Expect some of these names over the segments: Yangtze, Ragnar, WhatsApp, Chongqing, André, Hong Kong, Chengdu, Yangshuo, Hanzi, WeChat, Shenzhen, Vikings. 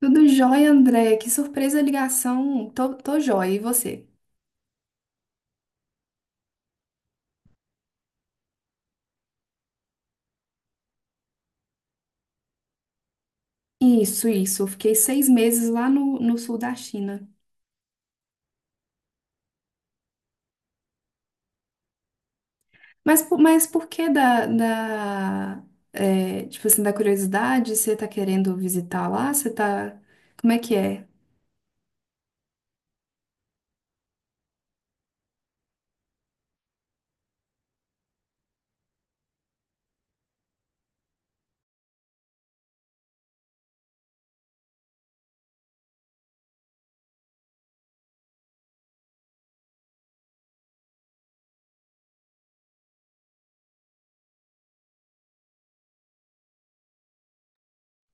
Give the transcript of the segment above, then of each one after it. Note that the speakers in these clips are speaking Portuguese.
Tudo jóia, André. Que surpresa a ligação. Tô jóia. E você? Isso, isso. Eu fiquei 6 meses lá no sul da China. Mas por que da é, tipo assim, da curiosidade? Você tá querendo visitar lá? Você tá... Como é que é?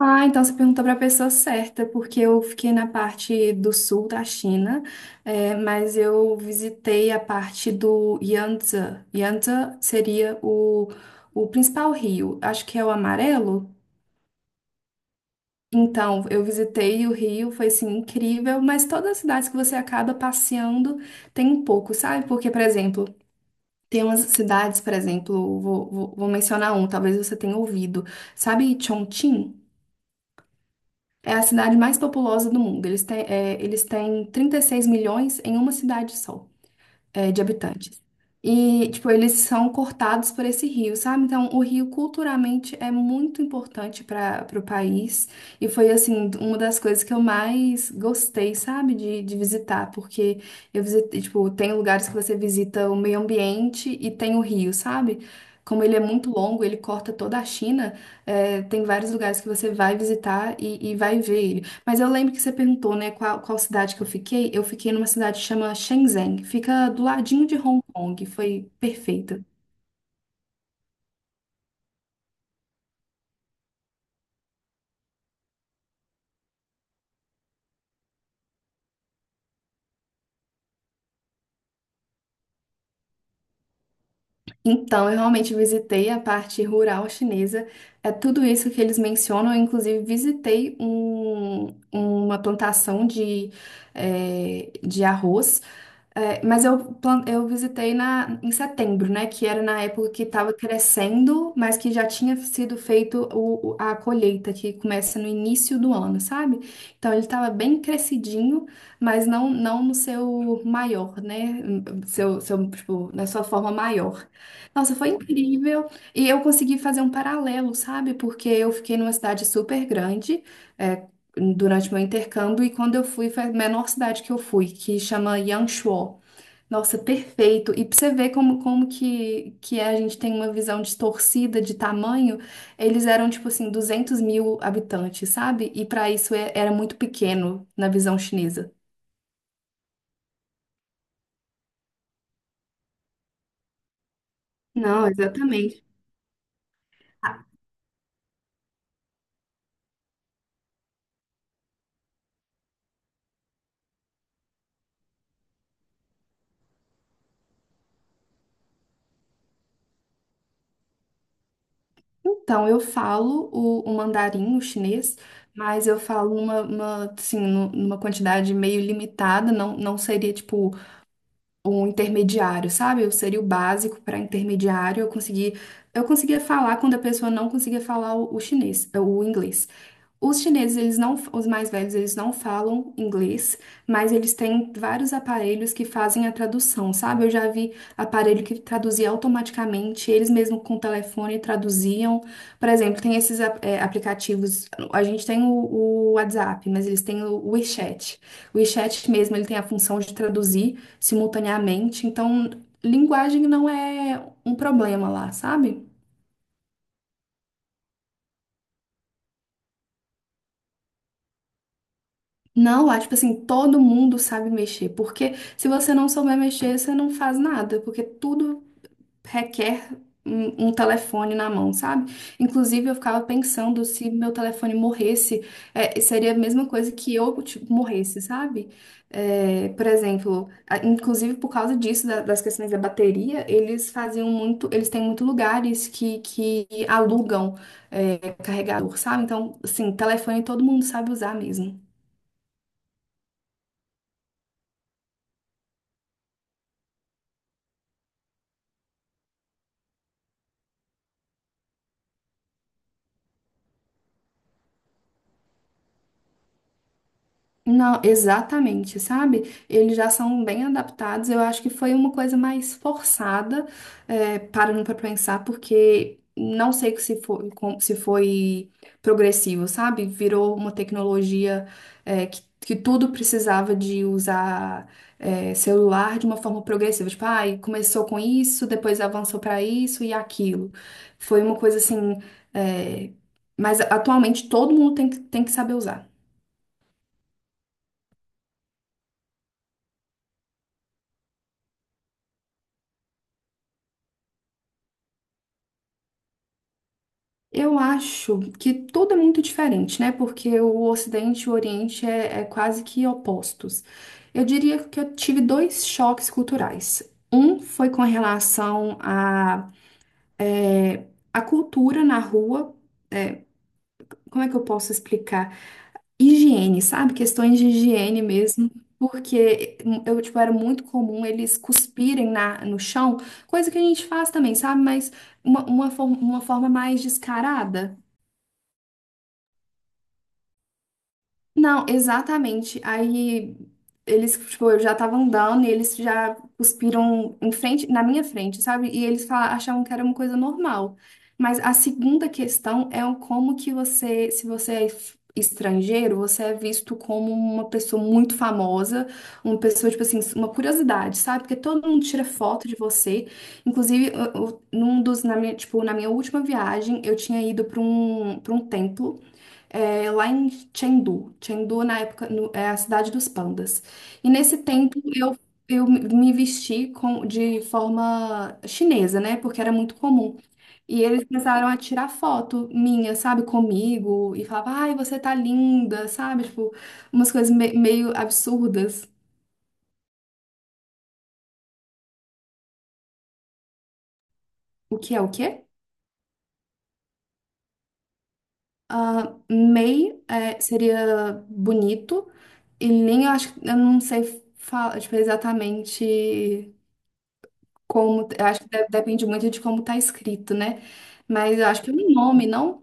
Ah, então você perguntou para a pessoa certa, porque eu fiquei na parte do sul da China, mas eu visitei a parte do Yangtze. Yangtze seria o principal rio, acho que é o amarelo. Então, eu visitei o rio, foi assim incrível, mas todas as cidades que você acaba passeando tem um pouco, sabe? Porque, por exemplo, tem umas cidades, por exemplo, vou mencionar um, talvez você tenha ouvido, sabe Chongqing? É a cidade mais populosa do mundo. Eles têm 36 milhões em uma cidade só, é, de habitantes. E, tipo, eles são cortados por esse rio, sabe? Então, o rio culturalmente é muito importante para o país. E foi, assim, uma das coisas que eu mais gostei, sabe? De visitar, porque eu visitei, tipo, tem lugares que você visita o meio ambiente e tem o rio, sabe? Como ele é muito longo, ele corta toda a China. É, tem vários lugares que você vai visitar e vai ver ele. Mas eu lembro que você perguntou, né, qual cidade que eu fiquei. Eu fiquei numa cidade que chama Shenzhen. Fica do ladinho de Hong Kong. Foi perfeito. Então, eu realmente visitei a parte rural chinesa. É tudo isso que eles mencionam. Eu, inclusive, visitei uma plantação de arroz. É, mas eu visitei na, em setembro, né? Que era na época que estava crescendo, mas que já tinha sido feito a colheita, que começa no início do ano, sabe? Então ele estava bem crescidinho, mas não no seu maior, né? Seu tipo, na sua forma maior. Nossa, foi incrível. E eu consegui fazer um paralelo, sabe? Porque eu fiquei numa cidade super grande. É, durante meu intercâmbio e quando eu fui foi a menor cidade que eu fui, que chama Yangshuo. Nossa, perfeito. E pra você ver como que é, a gente tem uma visão distorcida de tamanho, eles eram tipo assim, 200 mil habitantes, sabe? E para isso era muito pequeno na visão chinesa. Não, exatamente. Ah, então, eu falo o mandarim, o chinês, mas eu falo numa, uma, assim, nu- numa quantidade meio limitada, não seria, tipo, um intermediário, sabe? Eu seria o básico para intermediário. Eu consegui, eu conseguia falar quando a pessoa não conseguia falar o chinês, o inglês. Os chineses, eles não, os mais velhos, eles não falam inglês, mas eles têm vários aparelhos que fazem a tradução, sabe? Eu já vi aparelho que traduzia automaticamente, eles mesmo com o telefone traduziam. Por exemplo, tem esses é, aplicativos, a gente tem o WhatsApp, mas eles têm o WeChat. O WeChat mesmo, ele tem a função de traduzir simultaneamente, então linguagem não é um problema lá, sabe? Não, lá, tipo assim, todo mundo sabe mexer, porque se você não souber mexer, você não faz nada, porque tudo requer um telefone na mão, sabe? Inclusive, eu ficava pensando se meu telefone morresse, é, seria a mesma coisa que eu, tipo, morresse, sabe? É, por exemplo, inclusive por causa disso, das questões da bateria, eles faziam muito, eles têm muito lugares que alugam, é, carregador, sabe? Então, assim, telefone todo mundo sabe usar mesmo. Não, exatamente, sabe? Eles já são bem adaptados. Eu acho que foi uma coisa mais forçada, é, parando para pensar, porque não sei se foi, se foi progressivo, sabe? Virou uma tecnologia, é, que tudo precisava de usar, é, celular de uma forma progressiva. Tipo, ai, começou com isso, depois avançou para isso e aquilo. Foi uma coisa assim, é, mas atualmente todo mundo tem, tem que saber usar. Eu acho que tudo é muito diferente, né? Porque o Ocidente e o Oriente é, é quase que opostos. Eu diria que eu tive dois choques culturais. Um foi com relação à a cultura na rua, como é que eu posso explicar? Higiene, sabe? Questões de higiene mesmo. Porque eu, tipo, era muito comum eles cuspirem no chão, coisa que a gente faz também, sabe? Mas uma forma mais descarada. Não, exatamente. Aí eles, tipo, eu já tava andando e eles já cuspiram em frente, na minha frente, sabe? E eles achavam que era uma coisa normal. Mas a segunda questão é o como que você, se você é estrangeiro, você é visto como uma pessoa muito famosa, uma pessoa, tipo assim, uma curiosidade, sabe? Porque todo mundo tira foto de você. Inclusive, num dos, na minha, tipo, na minha última viagem, eu tinha ido para um templo é, lá em Chengdu. Chengdu, na época, é a cidade dos pandas. E nesse tempo eu me vesti com, de forma chinesa, né? Porque era muito comum. E eles começaram a tirar foto minha, sabe, comigo, e falava, ai, você tá linda, sabe? Tipo, umas coisas meio absurdas. O que é o quê? Ah, mei é, seria bonito, e lin, eu acho que eu não sei falar, tipo, exatamente. Como, eu acho que depende muito de como tá escrito, né? Mas eu acho que é um nome, não?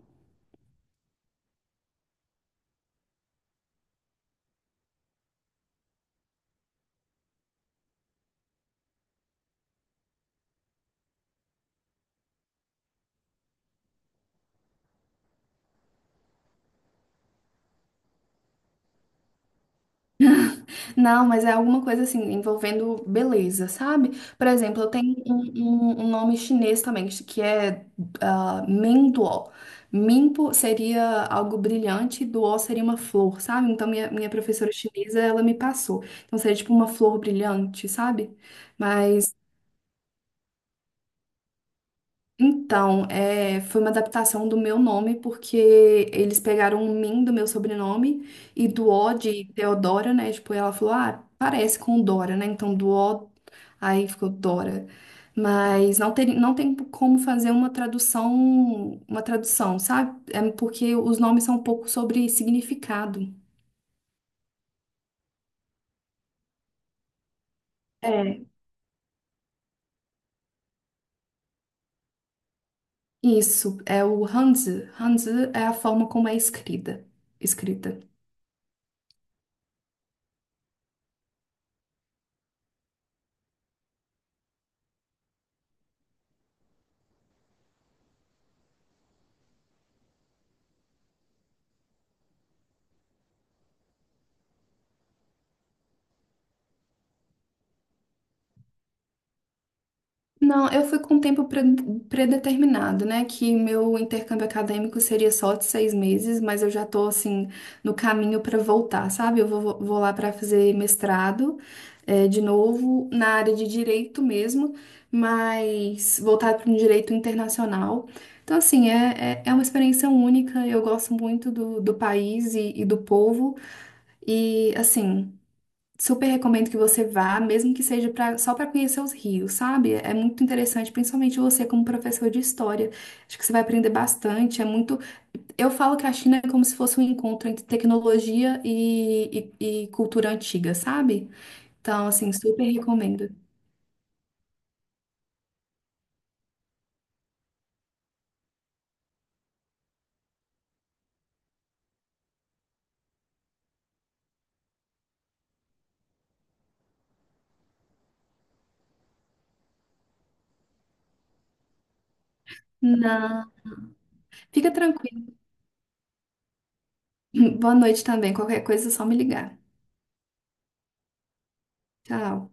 Não, mas é alguma coisa assim, envolvendo beleza, sabe? Por exemplo, eu tenho um, um nome chinês também, que é ah, Menduo. Minpo seria algo brilhante, duo seria uma flor, sabe? Então, minha professora chinesa, ela me passou. Então, seria tipo uma flor brilhante, sabe? Mas então, é, foi uma adaptação do meu nome, porque eles pegaram o Min do meu sobrenome e do O de Teodora, né? Tipo, ela falou, ah, parece com Dora, né? Então, do O, aí ficou Dora. Mas não tem, não tem como fazer uma tradução, sabe? É porque os nomes são um pouco sobre significado. É. Isso, é o Hanzi. Hanzi é a forma como é escrita. Escrita. Não, eu fui com um tempo predeterminado, né? Que meu intercâmbio acadêmico seria só de 6 meses, mas eu já tô, assim, no caminho para voltar, sabe? Eu vou lá para fazer mestrado, de novo, na área de direito mesmo, mas voltado para um direito internacional. Então, assim, é, é, é uma experiência única, eu gosto muito do país e do povo, e, assim. Super recomendo que você vá, mesmo que seja pra, só para conhecer os rios, sabe? É muito interessante, principalmente você como professor de história. Acho que você vai aprender bastante. É muito. Eu falo que a China é como se fosse um encontro entre tecnologia e cultura antiga, sabe? Então, assim, super recomendo. Não. Fica tranquilo. Boa noite também. Qualquer coisa é só me ligar. Tchau.